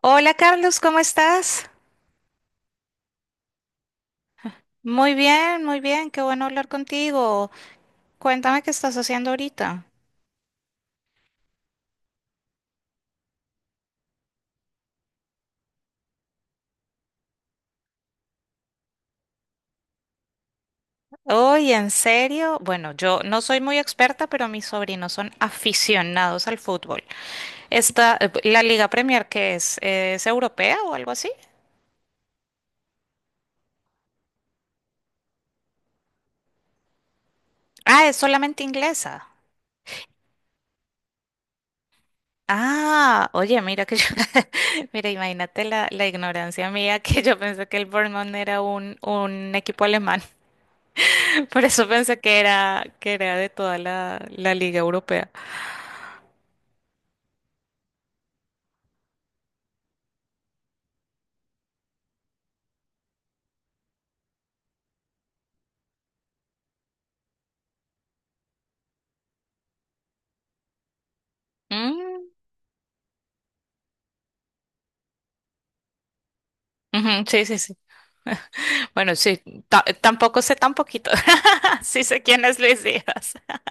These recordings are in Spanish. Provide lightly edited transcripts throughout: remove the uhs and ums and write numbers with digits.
Hola Carlos, ¿cómo estás? Muy bien, qué bueno hablar contigo. Cuéntame qué estás haciendo ahorita. Oye, ¿en serio? Bueno, yo no soy muy experta, pero mis sobrinos son aficionados al fútbol. La Liga Premier, ¿qué es? ¿Es europea o algo así? Ah, es solamente inglesa. Ah, oye, mira que yo, mira, imagínate la ignorancia mía, que yo pensé que el Bournemouth era un equipo alemán. Por eso pensé que era de toda la Liga Europea. Mm, ujú, sí, sí, sí. Bueno, sí, tampoco sé tan poquito. Sí sé quién es Luis Díaz.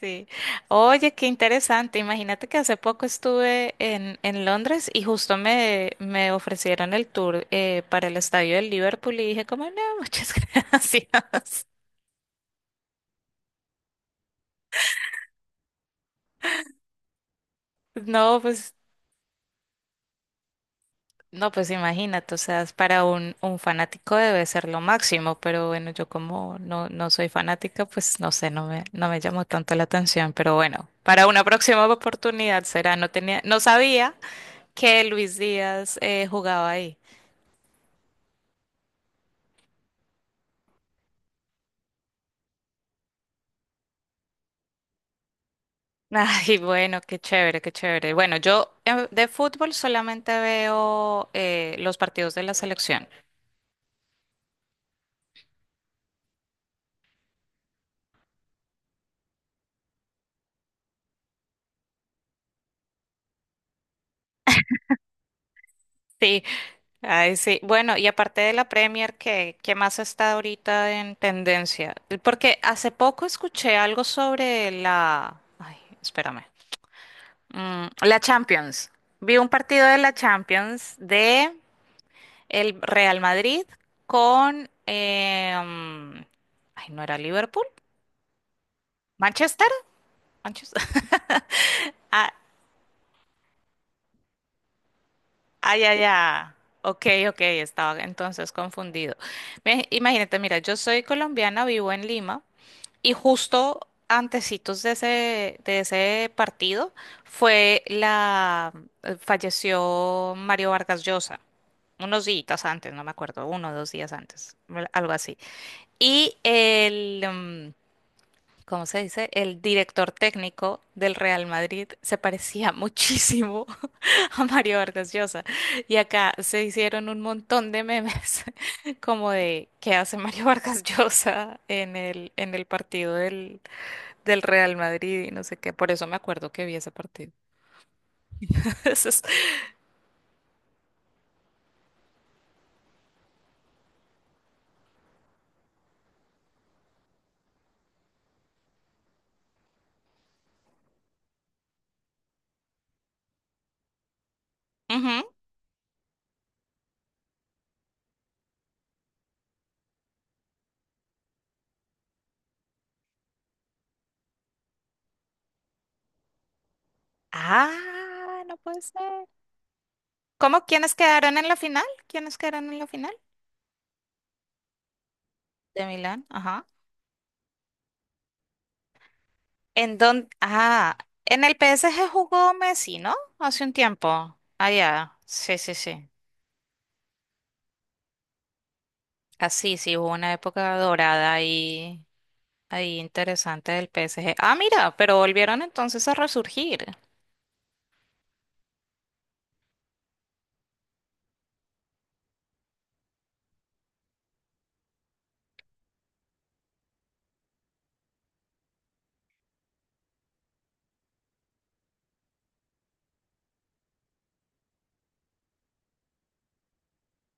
Sí. Oye, qué interesante. Imagínate que hace poco estuve en Londres y justo me, me ofrecieron el tour para el estadio del Liverpool y dije como, no, muchas gracias. No, pues no, pues imagínate, o sea, es para un fanático, debe ser lo máximo, pero bueno, yo como no, no soy fanática, pues no sé, no me, no me llamó tanto la atención, pero bueno, para una próxima oportunidad será, no tenía, no sabía que Luis Díaz, jugaba ahí. Ay, bueno, qué chévere, qué chévere. Bueno, yo, de fútbol solamente veo, los partidos de la selección. Sí, ay, sí. Bueno, y aparte de la Premier, ¿qué, qué más está ahorita en tendencia? Porque hace poco escuché algo sobre la... Ay, espérame. La Champions. Vi un partido de la Champions de el Real Madrid con... ay, ¿no era Liverpool? ¿Manchester? ¿Manchester? Ah, ay, ya, ay. Ok, ok, estaba entonces confundido. Imagínate, mira, yo soy colombiana, vivo en Lima. Y justo antecitos de ese partido fue falleció Mario Vargas Llosa, unos días antes, no me acuerdo, uno o dos días antes, algo así. Y el, mm, ¿cómo se dice? El director técnico del Real Madrid se parecía muchísimo a Mario Vargas Llosa. Y acá se hicieron un montón de memes como de qué hace Mario Vargas Llosa en el partido del del Real Madrid y no sé qué. Por eso me acuerdo que vi ese partido. Eso es- Ujú. Ah, no puede ser. ¿Cómo? ¿Quiénes quedaron en la final? ¿Quiénes quedaron en la final? De Milán, ajá. ¿En dónde? Ah, en el PSG jugó Messi, ¿no? Hace un tiempo. Ah, ya. Sí, sí, sí. Así, sí, sí, hubo una época dorada ahí, ahí interesante del PSG. Ah, mira, pero volvieron entonces a resurgir.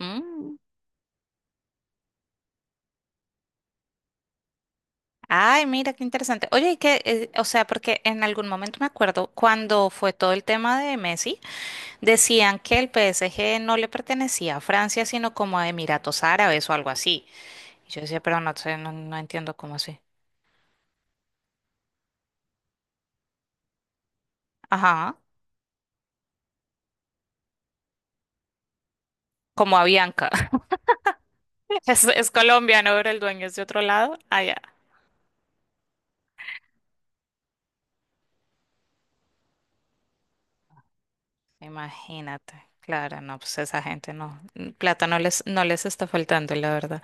Mm. Ay, mira, qué interesante. Oye, y que, o sea, porque en algún momento me acuerdo cuando fue todo el tema de Messi, decían que el PSG no le pertenecía a Francia, sino como a Emiratos Árabes o algo así. Y yo decía, pero no sé, no, no entiendo cómo así. Ajá, como a Bianca. Es colombiano, pero el dueño es de otro lado. Allá. Imagínate. Claro, no, pues esa gente no, plata no les, no les está faltando, la verdad.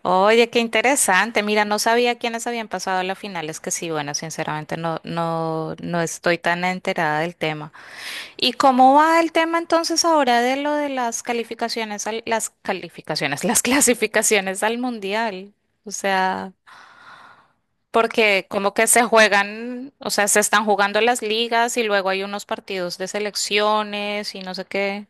Oye, qué interesante. Mira, no sabía quiénes habían pasado a la final. Es que sí, bueno, sinceramente no, no, no estoy tan enterada del tema. ¿Y cómo va el tema entonces ahora de lo de las calificaciones las calificaciones, las clasificaciones al mundial? O sea, porque como que se juegan, o sea, se están jugando las ligas y luego hay unos partidos de selecciones y no sé qué.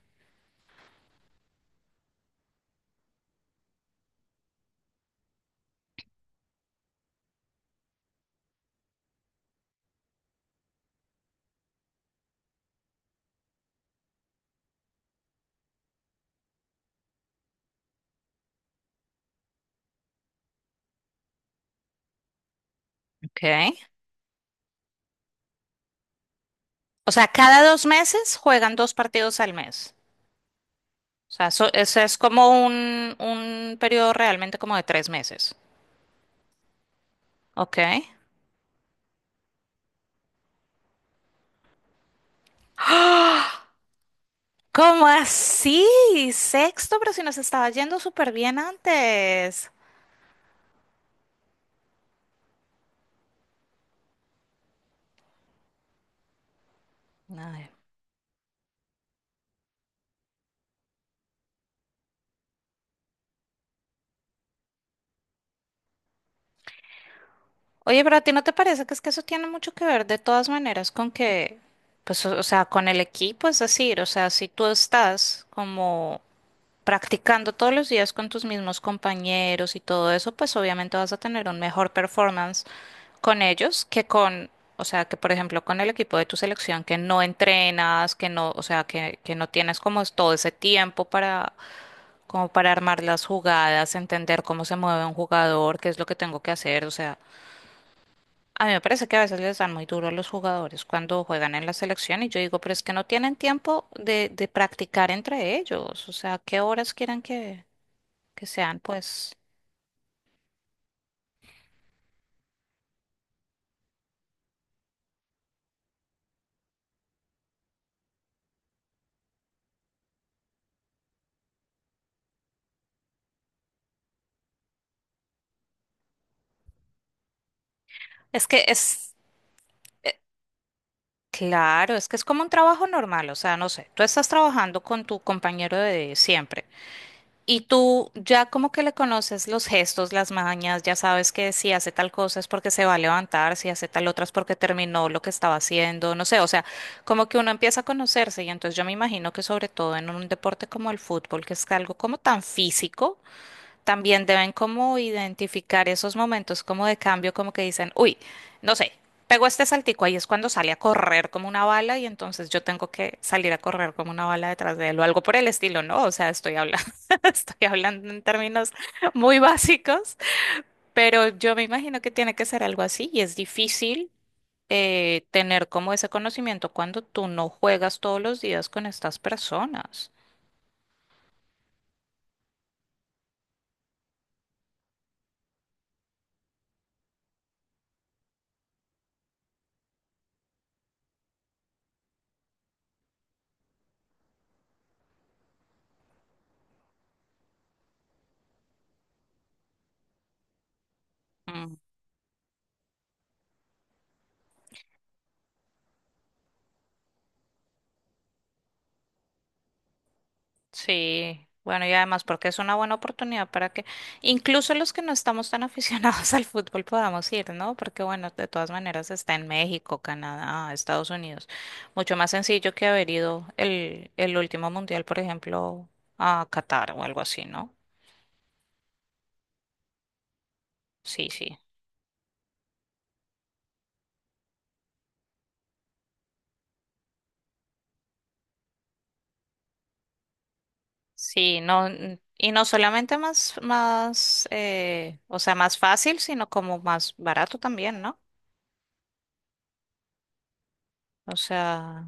Ok. O sea, cada dos meses juegan dos partidos al mes. O sea, eso es como un periodo realmente como de tres meses. Ok. ¡Ah! ¿Cómo así? Sexto, pero si nos estaba yendo súper bien antes. Ay. Oye, pero a ti no te parece que es que eso tiene mucho que ver de todas maneras con que, pues, o sea, con el equipo, es decir, o sea, si tú estás como practicando todos los días con tus mismos compañeros y todo eso, pues obviamente vas a tener un mejor performance con ellos que con, o sea, que por ejemplo con el equipo de tu selección que no entrenas, que no, o sea, que no tienes como es todo ese tiempo para, como para armar las jugadas, entender cómo se mueve un jugador, qué es lo que tengo que hacer, o sea, a mí me parece que a veces les dan muy duro a los jugadores cuando juegan en la selección y yo digo, pero es que no tienen tiempo de practicar entre ellos, o sea, ¿qué horas quieren que sean? Pues es que es... Claro, es que es como un trabajo normal, o sea, no sé, tú estás trabajando con tu compañero de siempre y tú ya como que le conoces los gestos, las mañas, ya sabes que si hace tal cosa es porque se va a levantar, si hace tal otra es porque terminó lo que estaba haciendo, no sé, o sea, como que uno empieza a conocerse y entonces yo me imagino que sobre todo en un deporte como el fútbol, que es algo como tan físico, también deben como identificar esos momentos como de cambio, como que dicen, uy, no sé, pegó este saltico, ahí es cuando sale a correr como una bala y entonces yo tengo que salir a correr como una bala detrás de él o algo por el estilo, ¿no? O sea, estoy hablando, estoy hablando en términos muy básicos, pero yo me imagino que tiene que ser algo así y es difícil. Tener como ese conocimiento cuando tú no juegas todos los días con estas personas. Mm. Sí, bueno, y además porque es una buena oportunidad para que incluso los que no estamos tan aficionados al fútbol podamos ir, ¿no? Porque bueno, de todas maneras está en México, Canadá, Estados Unidos. Mucho más sencillo que haber ido el último mundial, por ejemplo, a Qatar o algo así, ¿no? Sí, sí. Sí, no, y no solamente más, más, o sea, más fácil, sino como más barato también, ¿no? O sea,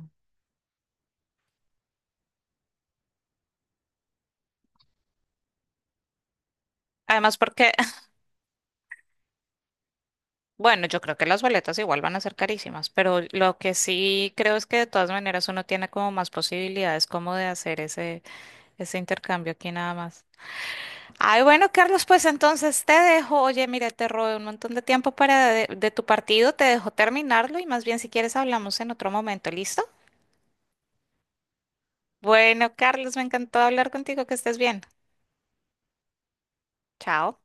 además porque bueno, yo creo que las boletas igual van a ser carísimas, pero lo que sí creo es que de todas maneras uno tiene como más posibilidades como de hacer ese, ese intercambio aquí nada más. Ay, bueno, Carlos, pues entonces te dejo. Oye, mira, te robé un montón de tiempo para de tu partido, te dejo terminarlo y más bien si quieres hablamos en otro momento, ¿listo? Bueno, Carlos, me encantó hablar contigo, que estés bien. Chao.